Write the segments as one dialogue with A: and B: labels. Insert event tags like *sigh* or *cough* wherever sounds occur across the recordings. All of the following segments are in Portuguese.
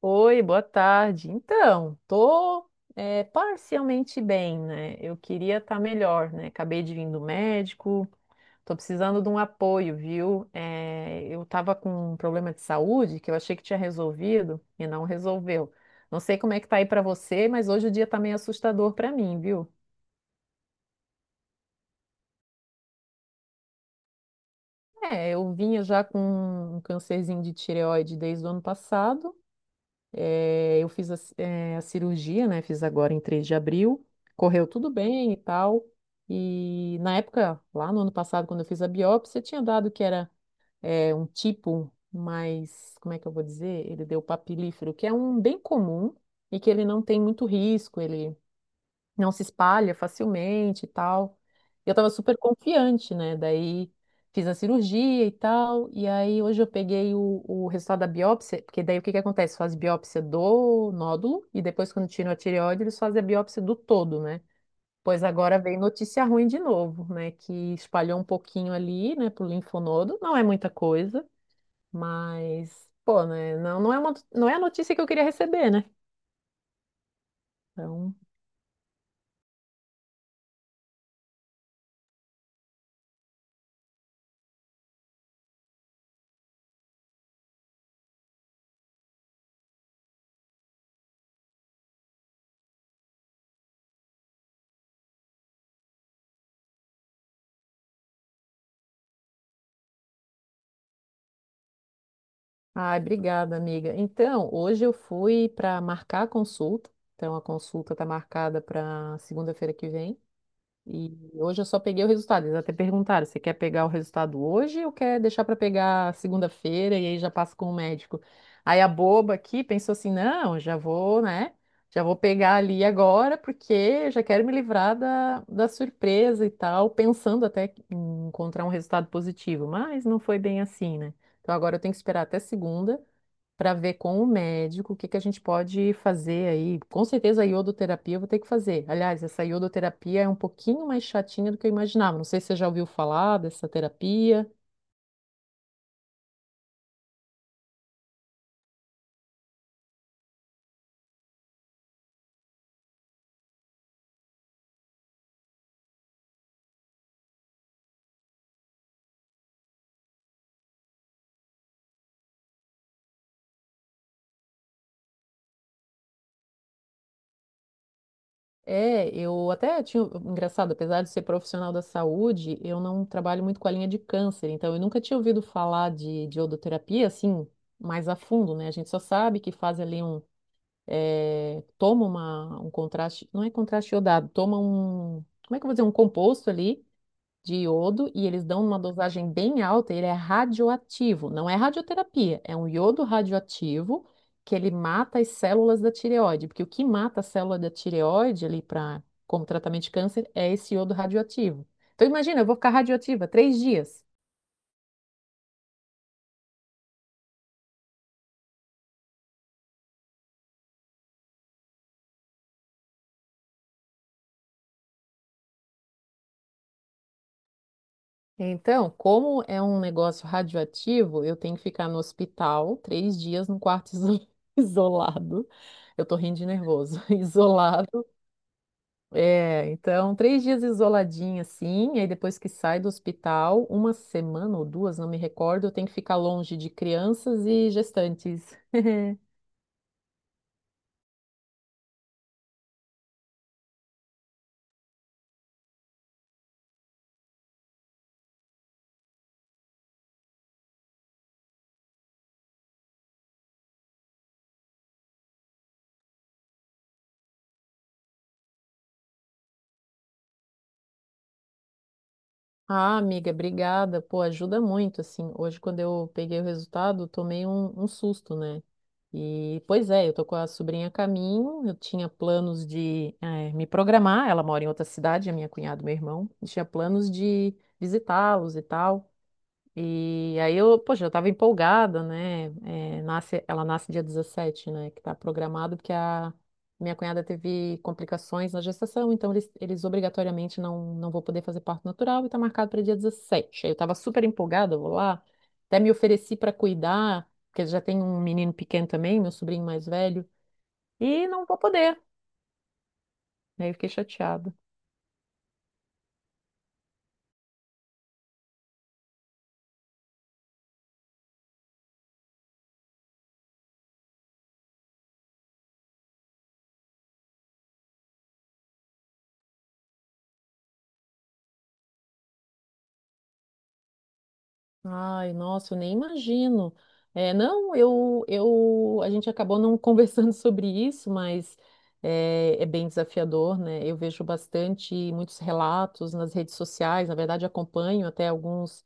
A: Oi, boa tarde. Então, tô parcialmente bem, né? Eu queria estar melhor, né? Acabei de vir do médico, tô precisando de um apoio, viu? Eu tava com um problema de saúde que eu achei que tinha resolvido e não resolveu. Não sei como é que tá aí pra você, mas hoje o dia tá meio assustador pra mim, viu? É, eu vinha já com um cancerzinho de tireoide desde o ano passado. Eu fiz a cirurgia, né? Fiz agora em 3 de abril. Correu tudo bem e tal. E na época, lá no ano passado, quando eu fiz a biópsia, tinha dado que era um tipo mais, como é que eu vou dizer? Ele deu papilífero, que é um bem comum e que ele não tem muito risco. Ele não se espalha facilmente e tal. E eu tava super confiante, né? Daí fiz a cirurgia e tal, e aí hoje eu peguei o resultado da biópsia, porque daí o que que acontece? Faz biópsia do nódulo e depois quando tiram a tireoide, eles fazem a biópsia do todo, né? Pois agora vem notícia ruim de novo, né? Que espalhou um pouquinho ali, né, pro linfonodo. Não é muita coisa, mas, pô, né? Não, não é uma, não é a notícia que eu queria receber, né? Então, Ai, obrigada, amiga. Então, hoje eu fui para marcar a consulta. Então, a consulta está marcada para segunda-feira que vem. E hoje eu só peguei o resultado. Eles até perguntaram: você quer pegar o resultado hoje ou quer deixar para pegar segunda-feira e aí já passa com o médico? Aí a boba aqui pensou assim: não, já vou, né? Já vou pegar ali agora, porque eu já quero me livrar da surpresa e tal, pensando até em encontrar um resultado positivo. Mas não foi bem assim, né? Então agora eu tenho que esperar até segunda para ver com o médico o que que a gente pode fazer aí. Com certeza a iodoterapia eu vou ter que fazer. Aliás, essa iodoterapia é um pouquinho mais chatinha do que eu imaginava. Não sei se você já ouviu falar dessa terapia. É, eu até tinha, engraçado, apesar de ser profissional da saúde, eu não trabalho muito com a linha de câncer, então eu nunca tinha ouvido falar de iodoterapia assim, mais a fundo, né? A gente só sabe que faz ali um, eh, toma um contraste, não é contraste iodado, toma um, como é que eu vou dizer, um composto ali, de iodo e eles dão uma dosagem bem alta, ele é radioativo. Não é radioterapia, é um iodo radioativo que ele mata as células da tireoide, porque o que mata a célula da tireoide ali para como tratamento de câncer é esse iodo radioativo. Então imagina, eu vou ficar radioativa 3 dias. Então, como é um negócio radioativo, eu tenho que ficar no hospital 3 dias num quarto *laughs* isolado. Eu tô rindo de nervoso. *laughs* Isolado. É, então, 3 dias isoladinha, assim, e aí depois que sai do hospital, uma semana ou duas, não me recordo, eu tenho que ficar longe de crianças e gestantes. *laughs* Ah, amiga, obrigada. Pô, ajuda muito, assim. Hoje, quando eu peguei o resultado, eu tomei um susto, né? E, pois é, eu tô com a sobrinha a caminho, eu tinha planos de me programar, ela mora em outra cidade, a minha cunhada e meu irmão, e tinha planos de visitá-los e tal. E aí eu, poxa, eu estava empolgada, né? É, ela nasce dia 17, né? Que está programado, porque a minha cunhada teve complicações na gestação, então eles obrigatoriamente não, não vão poder fazer parto natural e está marcado para dia 17. Aí eu estava super empolgada, eu vou lá, até me ofereci para cuidar, porque já tem um menino pequeno também, meu sobrinho mais velho, e não vou poder. Aí eu fiquei chateada. Ai, nossa, eu nem imagino. É, não, a gente acabou não *laughs* conversando sobre isso, mas é bem desafiador, né? Eu vejo bastante, muitos relatos nas redes sociais, na verdade acompanho até alguns,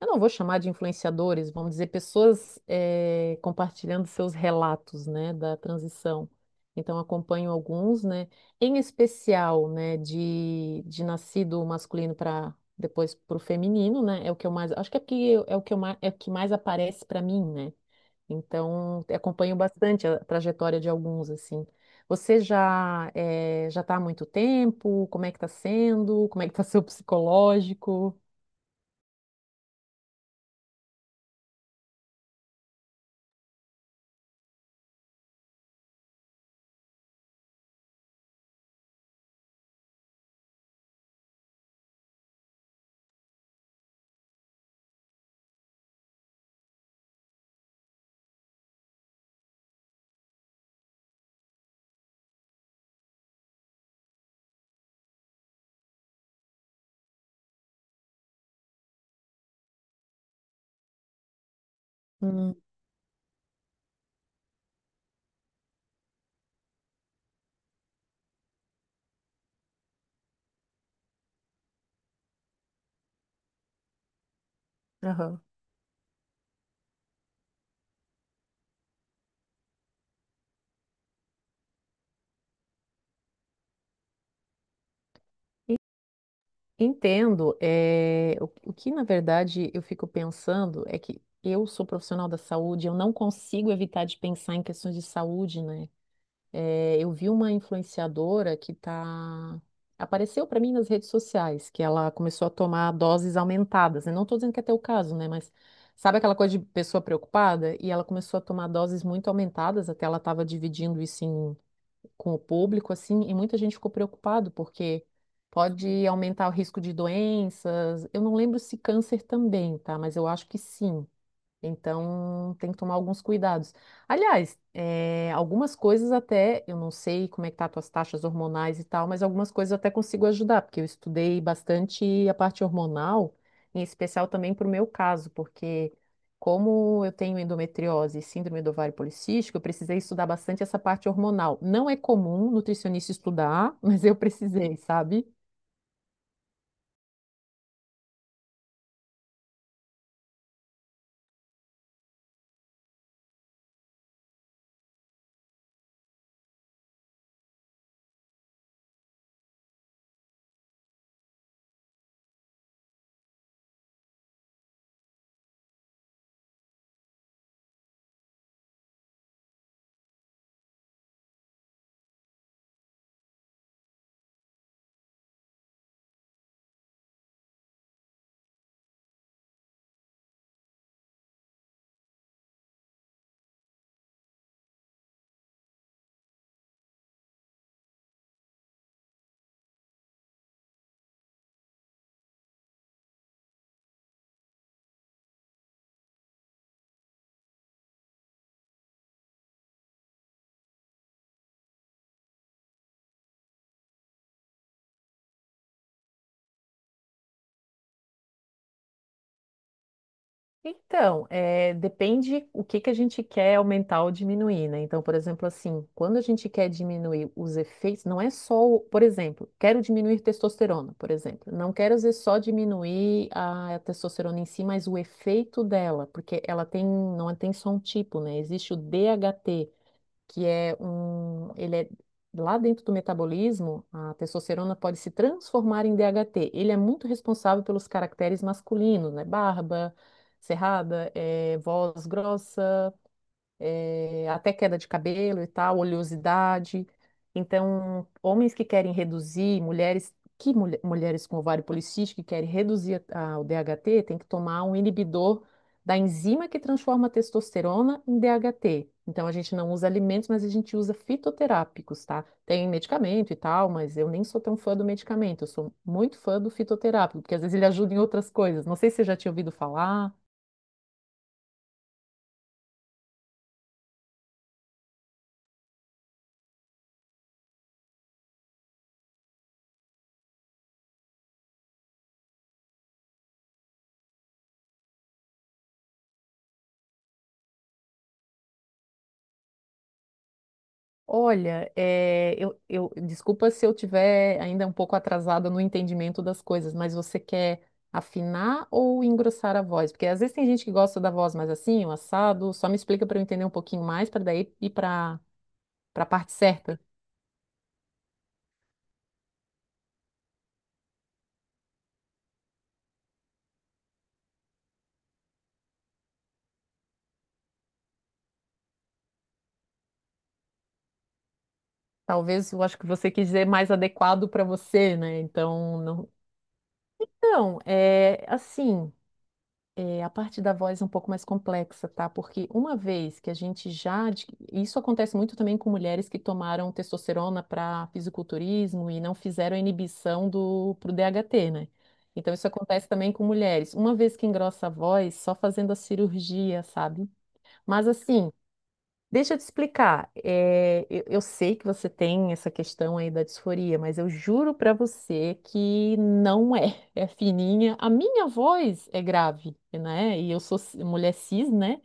A: eu não vou chamar de influenciadores, vamos dizer, pessoas é, compartilhando seus relatos, né, da transição. Então acompanho alguns, né, em especial, né, de nascido masculino depois pro feminino, né? É o que eu mais, acho que é porque eu- é o que eu mais, É o que mais aparece para mim, né? Então, eu acompanho bastante a trajetória de alguns assim. Você já já está há muito tempo? Como é que está sendo? Como é que está *laughs* seu psicológico? Hum, aham. Entendo. É o que, na verdade, eu fico pensando é que eu sou profissional da saúde, eu não consigo evitar de pensar em questões de saúde, né? É, eu vi uma influenciadora que apareceu para mim nas redes sociais, que ela começou a tomar doses aumentadas. Eu não estou dizendo que é teu caso, né? Mas sabe aquela coisa de pessoa preocupada? E ela começou a tomar doses muito aumentadas, até ela estava dividindo isso com o público, assim, e muita gente ficou preocupado, porque pode aumentar o risco de doenças. Eu não lembro se câncer também, tá? Mas eu acho que sim. Então, tem que tomar alguns cuidados. Aliás, algumas coisas até, eu não sei como é que tá as tuas taxas hormonais e tal, mas algumas coisas eu até consigo ajudar, porque eu estudei bastante a parte hormonal, em especial também para o meu caso, porque como eu tenho endometriose e síndrome do ovário policístico, eu precisei estudar bastante essa parte hormonal. Não é comum nutricionista estudar, *laughs* mas eu precisei, sabe? Então, depende o que que a gente quer aumentar ou diminuir, né? Então, por exemplo, assim, quando a gente quer diminuir os efeitos, não é só, por exemplo, quero diminuir testosterona, por exemplo. Não quero dizer só diminuir a testosterona em si, mas o efeito dela, porque ela tem, não tem só um tipo, né? Existe o DHT, que é um, ele é lá dentro do metabolismo, a testosterona pode se transformar em DHT. Ele é muito responsável pelos caracteres masculinos, né? Barba, cerrada, voz grossa, até queda de cabelo e tal, oleosidade. Então, homens que querem reduzir, mulheres com ovário policístico que querem reduzir o DHT, tem que tomar um inibidor da enzima que transforma a testosterona em DHT. Então, a gente não usa alimentos, mas a gente usa fitoterápicos, tá? Tem medicamento e tal, mas eu nem sou tão fã do medicamento. Eu sou muito fã do fitoterápico, porque às vezes ele ajuda em outras coisas. Não sei se você já tinha ouvido falar. Olha, é, desculpa se eu tiver ainda um pouco atrasada no entendimento das coisas, mas você quer afinar ou engrossar a voz? Porque às vezes tem gente que gosta da voz mais assim, o assado. Só me explica para eu entender um pouquinho mais, para daí ir para a parte certa. Talvez eu acho que você quis dizer mais adequado para você, né? Então, não. Então, é assim. É, a parte da voz é um pouco mais complexa, tá? Porque uma vez que a gente já. Isso acontece muito também com mulheres que tomaram testosterona para fisiculturismo e não fizeram a inibição do pro DHT, né? Então isso acontece também com mulheres. Uma vez que engrossa a voz, só fazendo a cirurgia, sabe? Mas assim, deixa eu te explicar. É, eu sei que você tem essa questão aí da disforia, mas eu juro pra você que não é. *laughs* É fininha. A minha voz é grave, né? E eu sou mulher cis, né?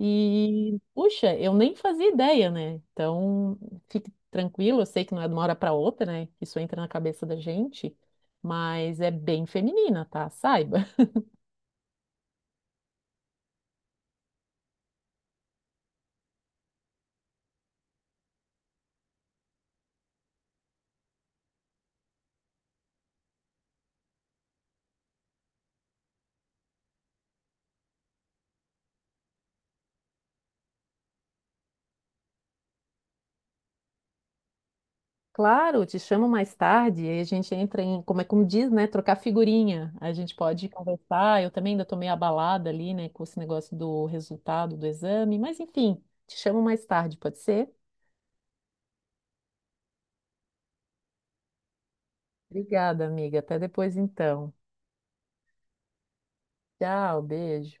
A: E, puxa, eu nem fazia ideia, né? Então, fique tranquilo. Eu sei que não é de uma hora pra outra, né? Isso entra na cabeça da gente, mas é bem feminina, tá? Saiba. Claro, te chamo mais tarde, aí a gente entra em, como é como diz, né, trocar figurinha. A gente pode conversar. Eu também ainda tô meio abalada ali, né, com esse negócio do resultado do exame, mas enfim, te chamo mais tarde, pode ser? Obrigada, amiga. Até depois então. Tchau, beijo.